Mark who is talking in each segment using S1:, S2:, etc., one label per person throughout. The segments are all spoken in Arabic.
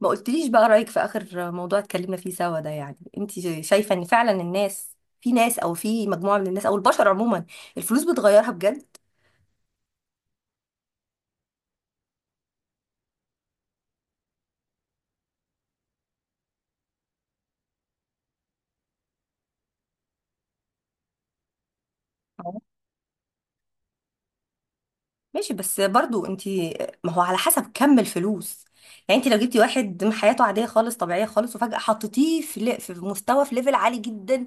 S1: ما قلتليش بقى رأيك في آخر موضوع اتكلمنا فيه سوا ده، انت شايفة ان فعلا الناس، في ناس او في مجموعة من الناس او البشر عموما الفلوس بتغيرها بجد؟ أهو. ماشي، بس برضو انت ما هو على حسب كم الفلوس. انت لو جبتي واحد من حياته عادية خالص، طبيعية خالص، وفجأة حطيتيه في في مستوى، في ليفل عالي جدا،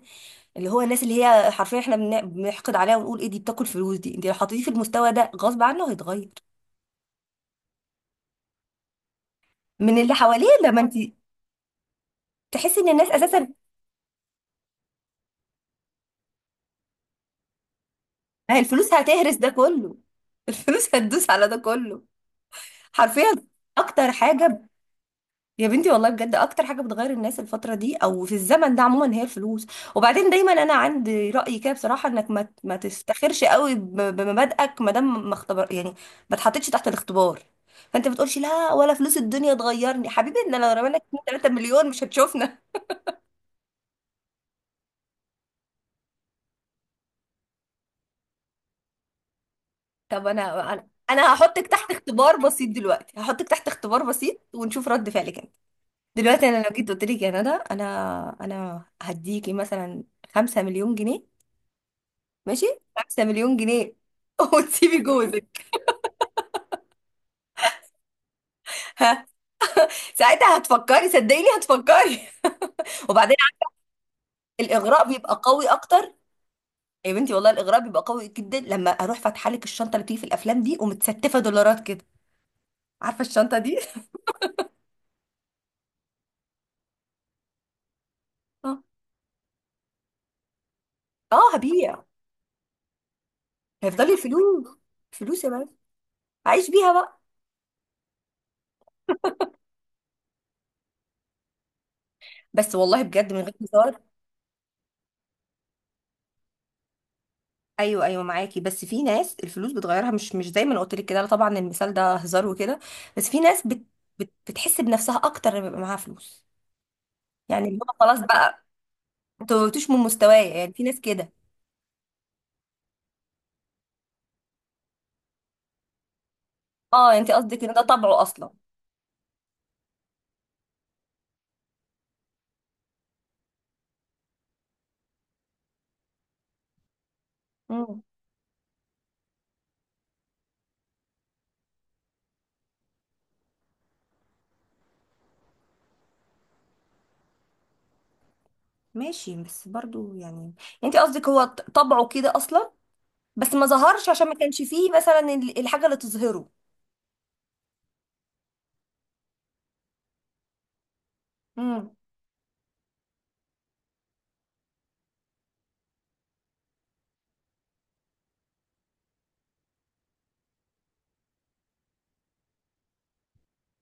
S1: اللي هو الناس اللي هي حرفيا احنا بنحقد عليها ونقول ايه دي بتاكل فلوس دي. انت لو حطيتيه في المستوى ده غصب عنه هيتغير من اللي حواليه. لما انت تحسي ان الناس اساسا ما هي الفلوس هتهرس ده كله، الفلوس هتدوس على ده كله حرفيا. اكتر حاجه يا بنتي والله بجد اكتر حاجه بتغير الناس الفتره دي او في الزمن ده عموما هي الفلوس. وبعدين دايما انا عندي راي كده بصراحه انك ما تفتخرش قوي بمبادئك ما دام ما اختبر، ما اتحطيتش تحت الاختبار. فانت بتقولش لا ولا فلوس الدنيا تغيرني حبيبي، ان انا لو رمينا 2 3 مليون مش هتشوفنا. طب انا هحطك تحت اختبار بسيط دلوقتي، هحطك تحت اختبار بسيط ونشوف رد فعلك. دلوقتي انا لو جيت قلت لك يا ندى، انا هديكي مثلا 5 مليون جنيه. ماشي. 5 مليون جنيه وتسيبي جوزك. ها؟ ساعتها هتفكري، صدقيني هتفكري. وبعدين الاغراء بيبقى قوي اكتر. يا بنتي والله الاغراء بيبقى قوي جدا لما اروح فاتحه لك الشنطه اللي بتيجي في الافلام دي ومتستفه دولارات كده. عارفه الشنطه دي؟ اه. آه، هبيع. هيفضلي الفلوس. فلوس يا بنت. عايش بيها بقى. بس والله بجد من غير هزار. ايوه ايوه معاكي، بس في ناس الفلوس بتغيرها. مش زي ما أنا قلت لك كده، لا طبعا المثال ده هزار وكده. بس في ناس بتحس بنفسها اكتر لما يبقى معاها فلوس. اللي هو خلاص بقى انتوا انتوش من مستوايا. يعني في ناس كده. اه انت قصدك ان ده طبعه اصلا. امم. ماشي، بس برضو يعني انت قصدك هو طبعه كده اصلا بس ما ظهرش عشان ما كانش فيه مثلا الحاجه اللي تظهره. امم.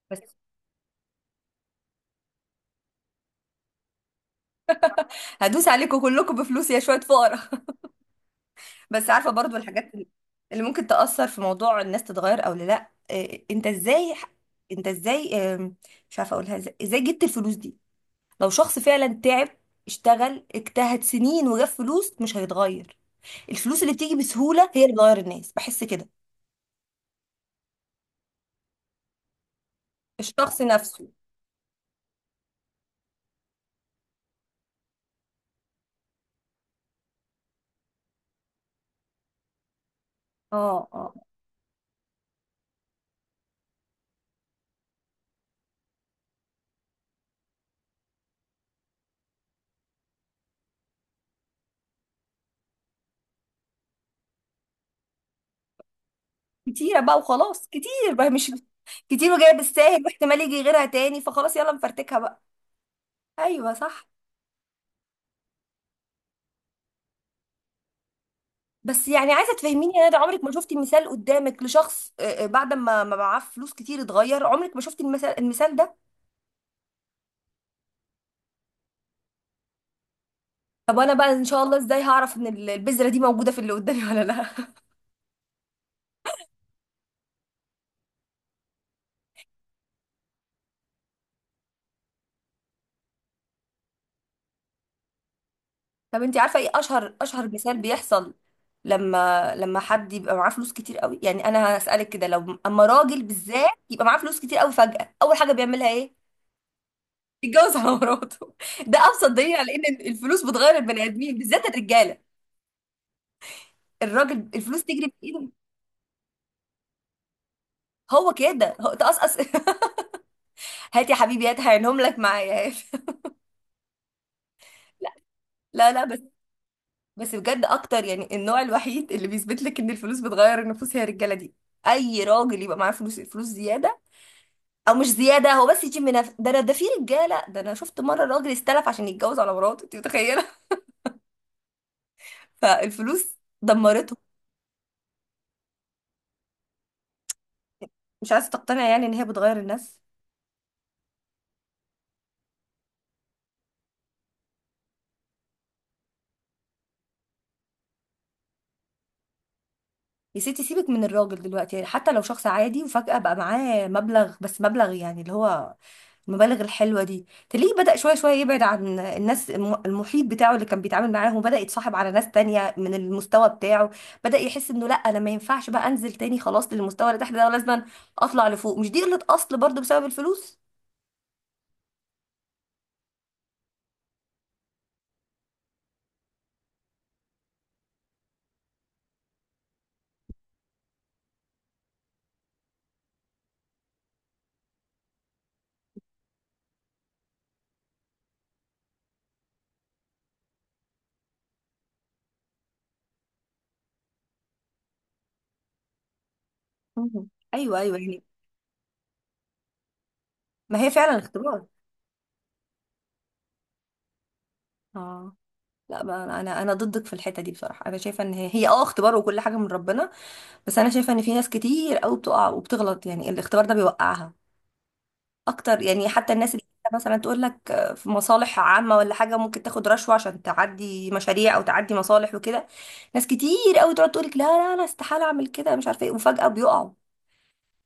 S1: بس هدوس عليكم كلكم بفلوس يا شويه فقراء. بس عارفه برضو الحاجات اللي ممكن تأثر في موضوع الناس تتغير او لا، إيه، انت ازاي، انت ازاي آم، مش عارفه اقولها ازاي، ازاي جبت الفلوس دي؟ لو شخص فعلا تعب، اشتغل، اجتهد سنين وجاب فلوس مش هيتغير. الفلوس اللي بتيجي بسهوله هي اللي بتغير الناس، بحس كده. الشخص نفسه. اه اه. كتيره بقى وخلاص، كتير بقى مش كتير وجايه بالساهل واحتمال يجي غيرها تاني فخلاص يلا نفرتكها بقى. ايوه صح. بس يعني عايزه تفهميني يا ندى عمرك ما شفتي مثال قدامك لشخص آه، آه، بعد ما معاه فلوس كتير اتغير؟ عمرك ما شفتي المثال ده؟ طب وانا بقى ان شاء الله ازاي هعرف ان البذره دي موجوده في اللي قدامي ولا لا؟ طب انت عارفه ايه اشهر مثال بيحصل لما حد يبقى معاه فلوس كتير قوي؟ يعني انا هسالك كده لو اما راجل بالذات يبقى معاه فلوس كتير قوي فجاه اول حاجه بيعملها ايه؟ يتجوز على مراته. ده ابسط دليل على ان الفلوس بتغير البني ادمين بالذات الرجاله. الراجل الفلوس تجري في ايده. هو كده هو تقصقص. هات يا حبيبي هات هعينهم لك معايا هات. لا. لا لا بس بجد اكتر يعني النوع الوحيد اللي بيثبت لك ان الفلوس بتغير النفوس هي الرجاله دي. اي راجل يبقى معاه فلوس الفلوس زياده، او مش زياده هو بس يجيب من ده انا ده في رجاله. ده انا شفت مره راجل استلف عشان يتجوز على مراته، انت متخيله؟ فالفلوس دمرته. مش عايزه تقتنع يعني ان هي بتغير الناس. يا ستي سيبك من الراجل دلوقتي. يعني حتى لو شخص عادي وفجأة بقى معاه مبلغ، بس مبلغ يعني اللي هو المبالغ الحلوه دي، تلاقيه بدأ شويه شويه يبعد عن الناس المحيط بتاعه اللي كان بيتعامل معاهم، بدأ يتصاحب على ناس تانية من المستوى بتاعه. بدأ يحس انه لا انا ما ينفعش بقى انزل تاني خلاص للمستوى اللي تحت ده، ولازم اطلع لفوق. مش دي قلة اصل برضو بسبب الفلوس؟ مم. ايوه ايوه يعني. ما هي فعلا اختبار. اه. لا، ما انا انا أنا ضدك في الحته دي بصراحه. انا شايفه ان هي اه اختبار وكل حاجه من ربنا. بس انا شايفه ان في ناس كتير قوي بتقع وبتغلط، يعني الاختبار ده بيوقعها اكتر. يعني حتى الناس اللي مثلا تقول لك في مصالح عامة ولا حاجة ممكن تاخد رشوة عشان تعدي مشاريع او تعدي مصالح وكده، ناس كتير قوي تقعد تقول لك لا لا انا استحالة اعمل كده مش عارفة ايه، وفجأة بيقعوا.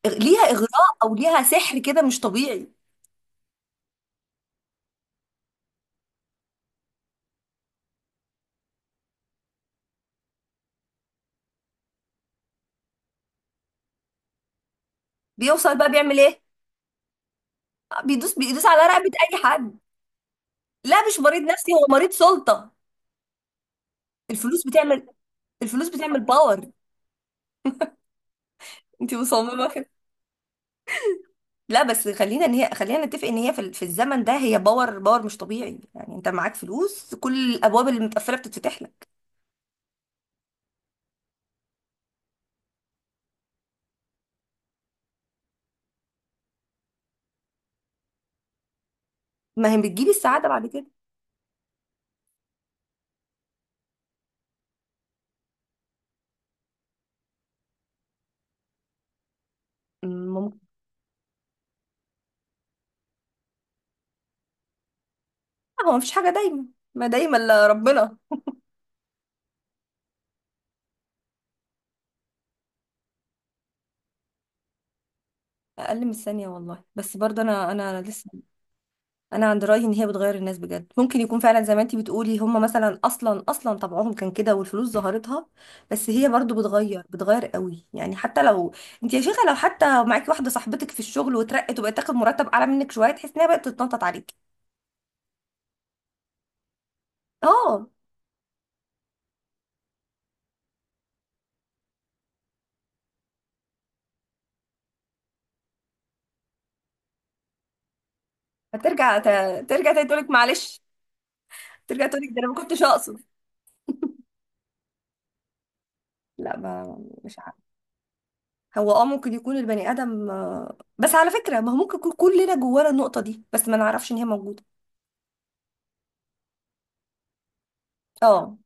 S1: ليها اغراء او ليها سحر كده مش طبيعي. بيوصل بقى بيعمل ايه؟ بيدوس على رقبة اي حد. لا مش مريض نفسي، هو مريض سلطة. الفلوس بتعمل الفلوس بتعمل باور. انت مصممة. لا بس خلينا، ان هي خلينا نتفق ان هي في الزمن ده هي باور، باور مش طبيعي. يعني انت معاك فلوس كل الابواب اللي متقفله بتتفتح لك. ما هي بتجيب السعاده بعد كده. ممكن. هو مفيش حاجه دايما، ما دايما الا ربنا. اقل من الثانيه والله. بس برضه انا لسه انا عند رايي ان هي بتغير الناس بجد. ممكن يكون فعلا زي ما انتي بتقولي هم مثلا اصلا طبعهم كان كده والفلوس ظهرتها، بس هي برضو بتغير قوي يعني حتى لو انتي يا شيخه لو حتى معاكي واحده صاحبتك في الشغل واترقت وبقت تاخد مرتب اعلى منك شويه تحس انها بقت تتنطط عليكي. اه. هترجع ت... ترجع تاني تقولك معلش، ترجع تقولك ده انا ما كنتش اقصد. لا ما مش عارفه. هو اه ممكن يكون البني ادم آه، بس على فكره ما هو ممكن يكون كلنا جوانا النقطه دي بس ما نعرفش ان هي موجوده. اه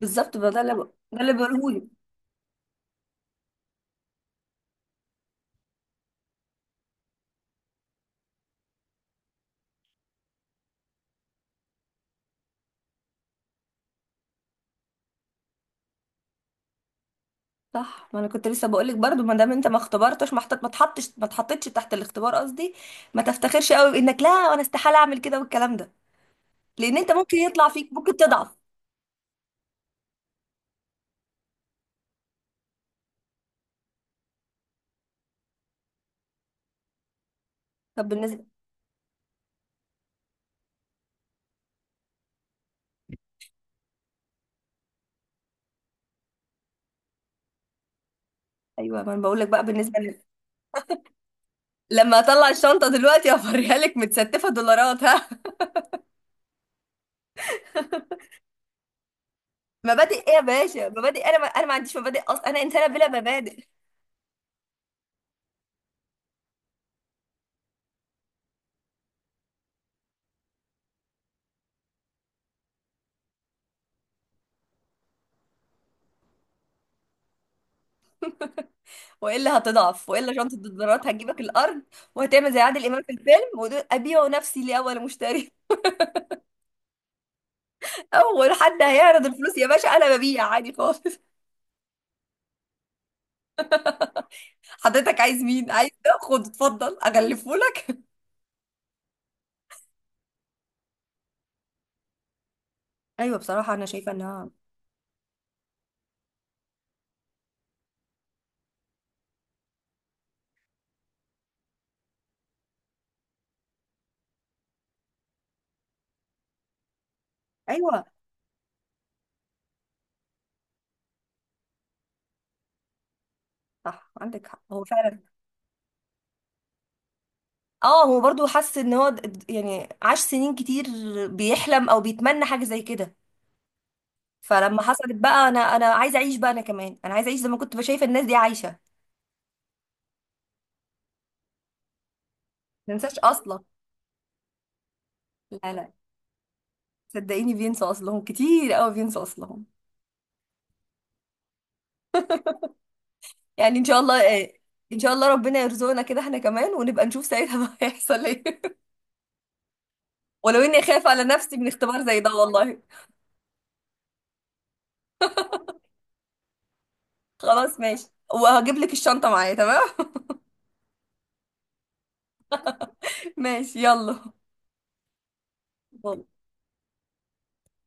S1: بالظبط، ما ده اللي ب... ده اللي بقوله. صح ما انا كنت لسه بقول لك برضو ما دام انت ما اختبرتش، ما حطت، ما اتحطش، ما اتحطتش تحت الاختبار قصدي، ما تفتخرش قوي بانك لا وانا استحاله اعمل كده والكلام ده، لان انت ممكن يطلع فيك ممكن تضعف. طب بالنسبه. ايوه ما انا بقول لك بقى بالنسبه ل... لما اطلع الشنطه دلوقتي افريها لك متستفه دولارات ها. مبادئ ايه يا باشا مبادئ؟ انا ما... انا ما عنديش مبادئ اصلا، انا انسانه بلا مبادئ. والا هتضعف، والا شنطه الدولارات هتجيبك الارض وهتعمل زي عادل امام في الفيلم وتقول ابيع نفسي لاول مشتري. اول حد هيعرض الفلوس يا باشا انا ببيع عادي خالص. حضرتك عايز مين؟ عايز ده؟ خد اتفضل اغلفه لك. ايوه بصراحه انا شايفه انها. ايوه صح عندك حق، هو فعلا. اه هو برضو حس ان هو يعني عاش سنين كتير بيحلم او بيتمنى حاجه زي كده. فلما حصلت بقى انا عايزه اعيش بقى، انا كمان انا عايزه اعيش زي ما كنت شايفه الناس دي عايشه. ما ننساش اصلا. لا صدقيني بينسوا اصلهم كتير قوي، بينسوا اصلهم. يعني ان شاء الله إيه، ان شاء الله ربنا يرزقنا كده احنا كمان ونبقى نشوف ساعتها بقى هيحصل ايه. ولو اني خايفة على نفسي من اختبار زي ده والله. خلاص ماشي. وهجيب لك الشنطة معايا تمام. ماشي يلا.